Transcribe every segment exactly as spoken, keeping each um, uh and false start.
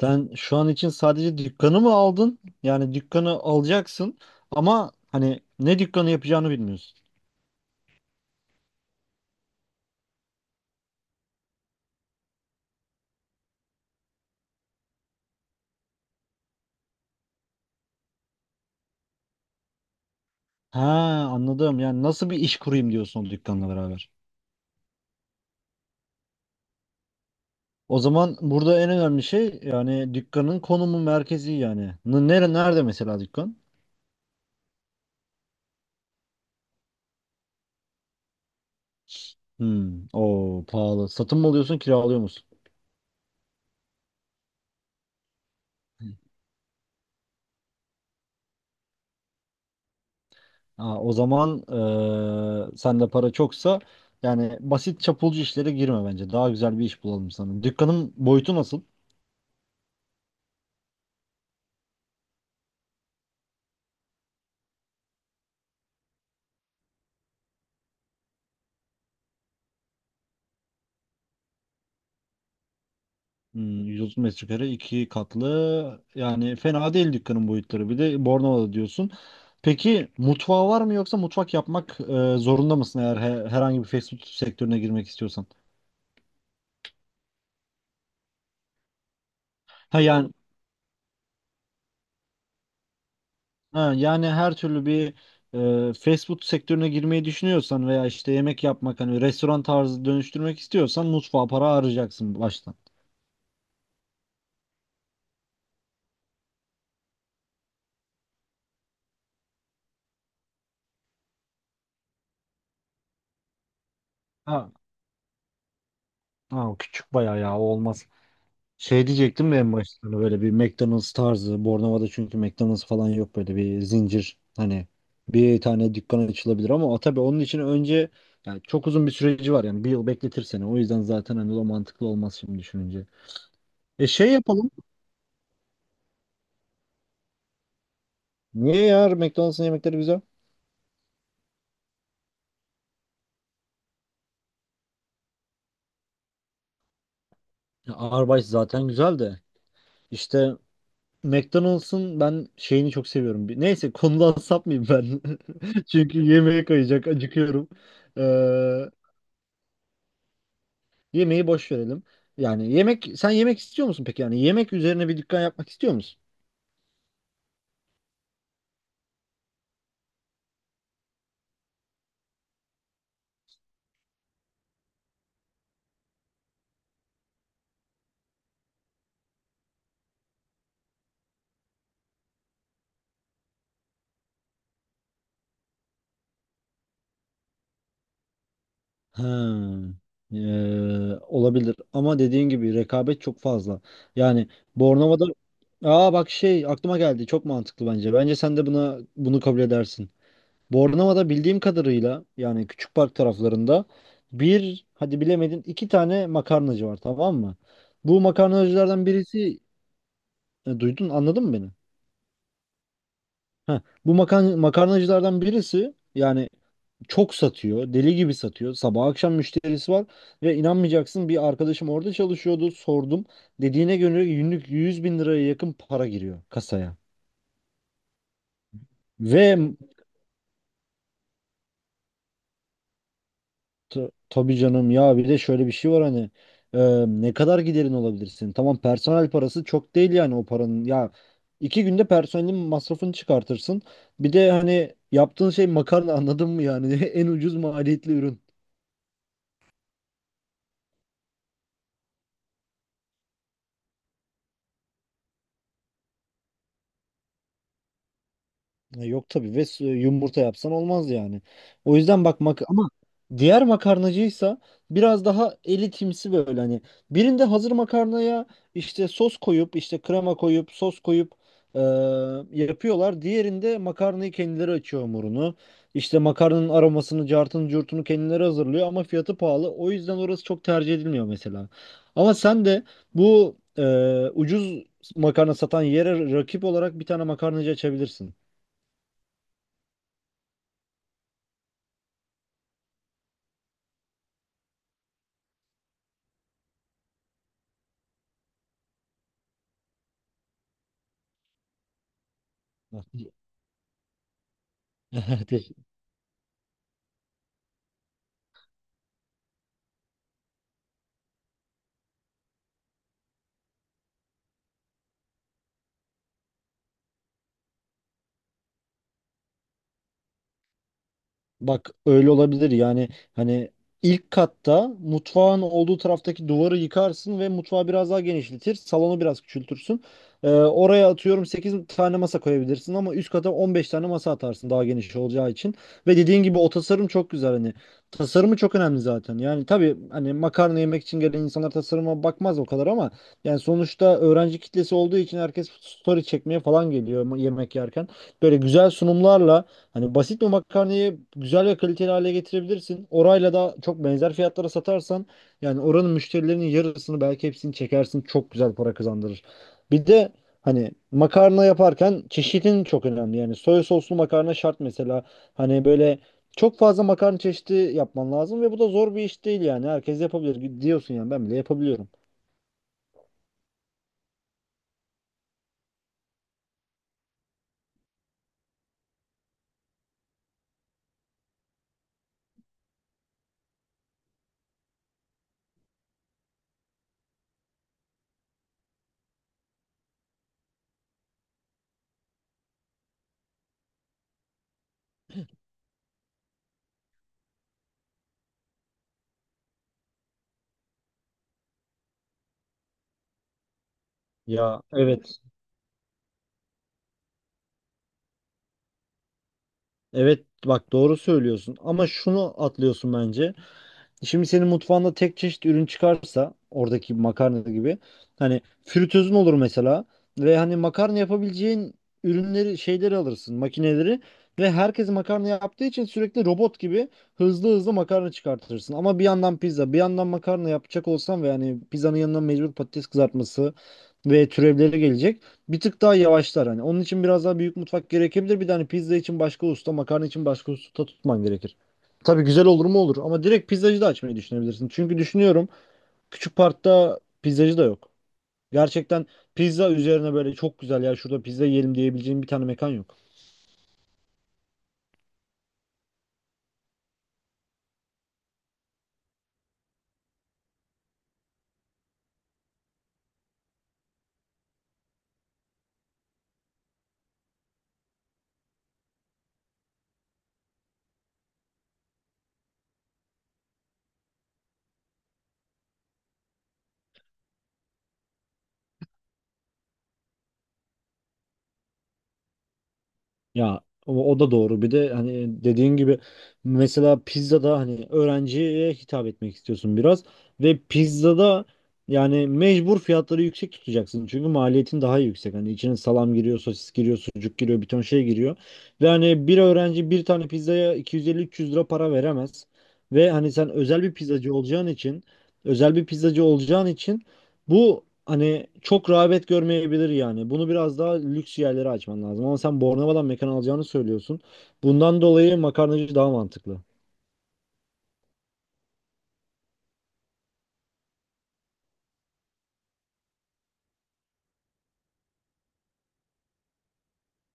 Sen şu an için sadece dükkanı mı aldın? Yani dükkanı alacaksın ama hani ne dükkanı yapacağını bilmiyorsun. Ha, anladım. Yani nasıl bir iş kurayım diyorsun o dükkanla beraber. O zaman burada en önemli şey yani dükkanın konumu merkezi yani. N- Nere, nerede mesela dükkan? Hmm, o pahalı. Satın mı alıyorsun, kiralıyor musun? Ha, o zaman eee sende para çoksa yani basit çapulcu işlere girme bence. Daha güzel bir iş bulalım sana. Dükkanın boyutu nasıl? Hmm, yüz otuz metrekare iki katlı yani fena değil dükkanın boyutları, bir de Bornova'da diyorsun. Peki mutfağı var mı yoksa mutfak yapmak e, zorunda mısın eğer he- herhangi bir fast food sektörüne girmek istiyorsan? Ha yani ha, yani her türlü bir e, fast food sektörüne girmeyi düşünüyorsan veya işte yemek yapmak hani restoran tarzı dönüştürmek istiyorsan mutfağa para harcayacaksın baştan. Ha, ha, o küçük bayağı ya, o olmaz. Şey diyecektim ya, en başta hani böyle bir McDonald's tarzı. Bornova'da çünkü McDonald's falan yok, böyle bir zincir. Hani bir tane dükkan açılabilir ama o tabii, onun için önce yani çok uzun bir süreci var, yani bir yıl bekletir seni. O yüzden zaten hani o mantıklı olmaz şimdi düşününce. E şey yapalım. Niye ya, McDonald's'ın yemekleri güzel? Ya, Arby's zaten güzel de işte McDonald's'ın ben şeyini çok seviyorum. Bir- Neyse, konudan sapmayayım ben. Çünkü yemeğe kayacak, acıkıyorum. Yemeği boş verelim. Yani yemek, sen yemek istiyor musun peki? Yani yemek üzerine bir dükkan yapmak istiyor musun? Ha, eee, olabilir ama dediğin gibi rekabet çok fazla. Yani Bornova'da, aa bak şey aklıma geldi, çok mantıklı bence. Bence sen de buna bunu kabul edersin. Bornova'da bildiğim kadarıyla yani Küçük Park taraflarında bir, hadi bilemedin iki tane makarnacı var tamam mı? Bu makarnacılardan birisi e, duydun anladın mı beni? Heh, bu makan makarnacılardan birisi yani çok satıyor, deli gibi satıyor. Sabah akşam müşterisi var ve inanmayacaksın, bir arkadaşım orada çalışıyordu. Sordum. Dediğine göre günlük yüz bin liraya yakın para giriyor kasaya. Ve t- tabii canım ya, bir de şöyle bir şey var hani e, ne kadar giderin olabilirsin? Tamam, personel parası çok değil yani o paranın. Ya, iki günde personelin masrafını çıkartırsın. Bir de hani yaptığın şey makarna, anladın mı yani, en ucuz maliyetli ürün. E, Yok tabii ve s- yumurta yapsan olmaz yani. O yüzden bak, mak ama diğer makarnacıysa biraz daha elitimsi, böyle hani birinde hazır makarnaya işte sos koyup işte krema koyup sos koyup e, yapıyorlar. Diğerinde makarnayı kendileri açıyor hamurunu. İşte makarnanın aromasını, cartını, curtunu kendileri hazırlıyor ama fiyatı pahalı. O yüzden orası çok tercih edilmiyor mesela. Ama sen de bu e, ucuz makarna satan yere rakip olarak bir tane makarnacı açabilirsin. Evet. Bak, öyle olabilir yani, hani ilk katta mutfağın olduğu taraftaki duvarı yıkarsın ve mutfağı biraz daha genişletir, salonu biraz küçültürsün. Ee, oraya atıyorum sekiz tane masa koyabilirsin ama üst kata on beş tane masa atarsın daha geniş olacağı için. Ve dediğin gibi o tasarım çok güzel, hani tasarımı çok önemli zaten. Yani tabii, hani makarna yemek için gelen insanlar tasarıma bakmaz o kadar ama yani sonuçta öğrenci kitlesi olduğu için herkes story çekmeye falan geliyor yemek yerken. Böyle güzel sunumlarla, hani basit bir makarnayı güzel ve kaliteli hale getirebilirsin. Orayla da çok benzer fiyatlara satarsan yani oranın müşterilerinin yarısını belki hepsini çekersin. Çok güzel para kazandırır. Bir de hani makarna yaparken çeşidin çok önemli. Yani soya soslu makarna şart mesela. Hani böyle çok fazla makarna çeşidi yapman lazım ve bu da zor bir iş değil yani. Herkes yapabilir diyorsun, yani ben bile yapabiliyorum. Ya, evet. Evet, bak doğru söylüyorsun ama şunu atlıyorsun bence. Şimdi senin mutfağında tek çeşit ürün çıkarsa oradaki makarna gibi, hani fritözün olur mesela ve hani makarna yapabileceğin ürünleri, şeyleri alırsın, makineleri ve herkes makarna yaptığı için sürekli robot gibi hızlı hızlı makarna çıkartırsın. Ama bir yandan pizza bir yandan makarna yapacak olsan ve hani pizzanın yanına mecbur patates kızartması ve türevleri gelecek, bir tık daha yavaşlar, hani onun için biraz daha büyük mutfak gerekebilir, bir de hani pizza için başka usta makarna için başka usta tutman gerekir. Tabii güzel olur mu olur ama direkt pizzacı da açmayı düşünebilirsin. Çünkü düşünüyorum, küçük parkta pizzacı da yok. Gerçekten pizza üzerine böyle çok güzel, ya şurada pizza yiyelim diyebileceğim bir tane mekan yok. Ya, o, o da doğru. Bir de hani dediğin gibi mesela pizzada hani öğrenciye hitap etmek istiyorsun biraz ve pizzada yani mecbur fiyatları yüksek tutacaksın. Çünkü maliyetin daha yüksek. Hani içine salam giriyor, sosis giriyor, sucuk giriyor, bir ton şey giriyor. Ve hani bir öğrenci bir tane pizzaya iki yüz elli üç yüz lira para veremez. Ve hani sen özel bir pizzacı olacağın için özel bir pizzacı olacağın için bu hani çok rağbet görmeyebilir yani. Bunu biraz daha lüks yerlere açman lazım. Ama sen Bornova'dan mekan alacağını söylüyorsun. Bundan dolayı makarnacı daha mantıklı.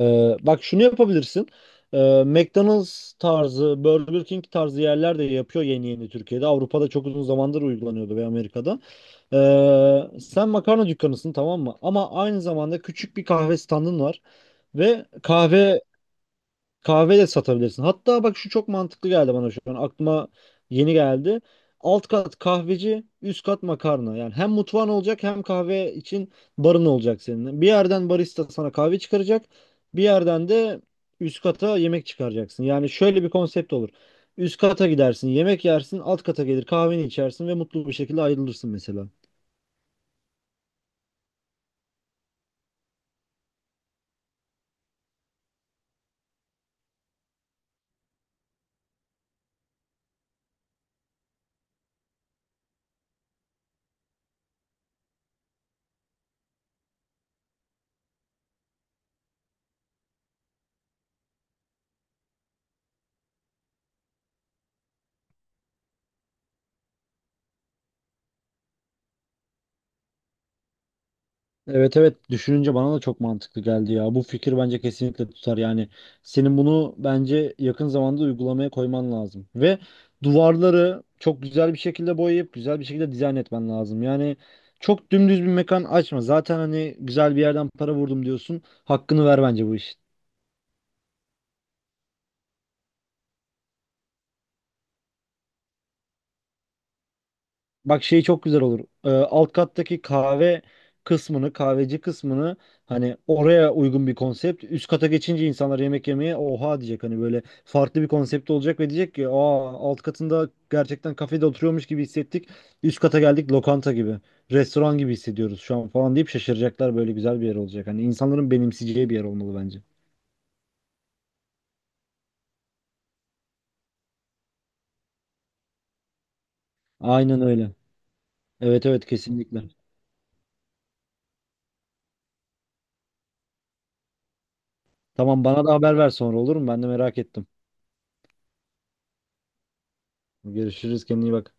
Ee, bak şunu yapabilirsin. Ee, McDonald's tarzı, Burger King tarzı yerler de yapıyor yeni yeni Türkiye'de. Avrupa'da çok uzun zamandır uygulanıyordu ve Amerika'da. Ee, sen makarna dükkanısın tamam mı? Ama aynı zamanda küçük bir kahve standın var ve kahve Kahve de satabilirsin. Hatta bak, şu çok mantıklı geldi bana şu an. Aklıma yeni geldi. Alt kat kahveci, üst kat makarna. Yani hem mutfağın olacak hem kahve için barın olacak senin. Bir yerden barista sana kahve çıkaracak. Bir yerden de üst kata yemek çıkaracaksın. Yani şöyle bir konsept olur. Üst kata gidersin, yemek yersin, alt kata gelir kahveni içersin ve mutlu bir şekilde ayrılırsın mesela. Evet, evet, düşününce bana da çok mantıklı geldi ya. Bu fikir bence kesinlikle tutar yani. Senin bunu bence yakın zamanda uygulamaya koyman lazım. Ve duvarları çok güzel bir şekilde boyayıp güzel bir şekilde dizayn etmen lazım. Yani çok dümdüz bir mekan açma. Zaten hani güzel bir yerden para vurdum diyorsun. Hakkını ver bence bu işin. Bak, şey çok güzel olur. Ee, alt kattaki kahve kısmını, kahveci kısmını hani oraya uygun bir konsept. Üst kata geçince insanlar yemek yemeye oha diyecek. Hani böyle farklı bir konsept olacak ve diyecek ki aa alt katında gerçekten kafede oturuyormuş gibi hissettik. Üst kata geldik lokanta gibi. Restoran gibi hissediyoruz şu an falan deyip şaşıracaklar. Böyle güzel bir yer olacak. Hani insanların benimseyeceği bir yer olmalı bence. Aynen öyle. Evet, evet, kesinlikle. Tamam, bana da haber ver sonra olur mu? Ben de merak ettim. Görüşürüz. Kendine iyi bak.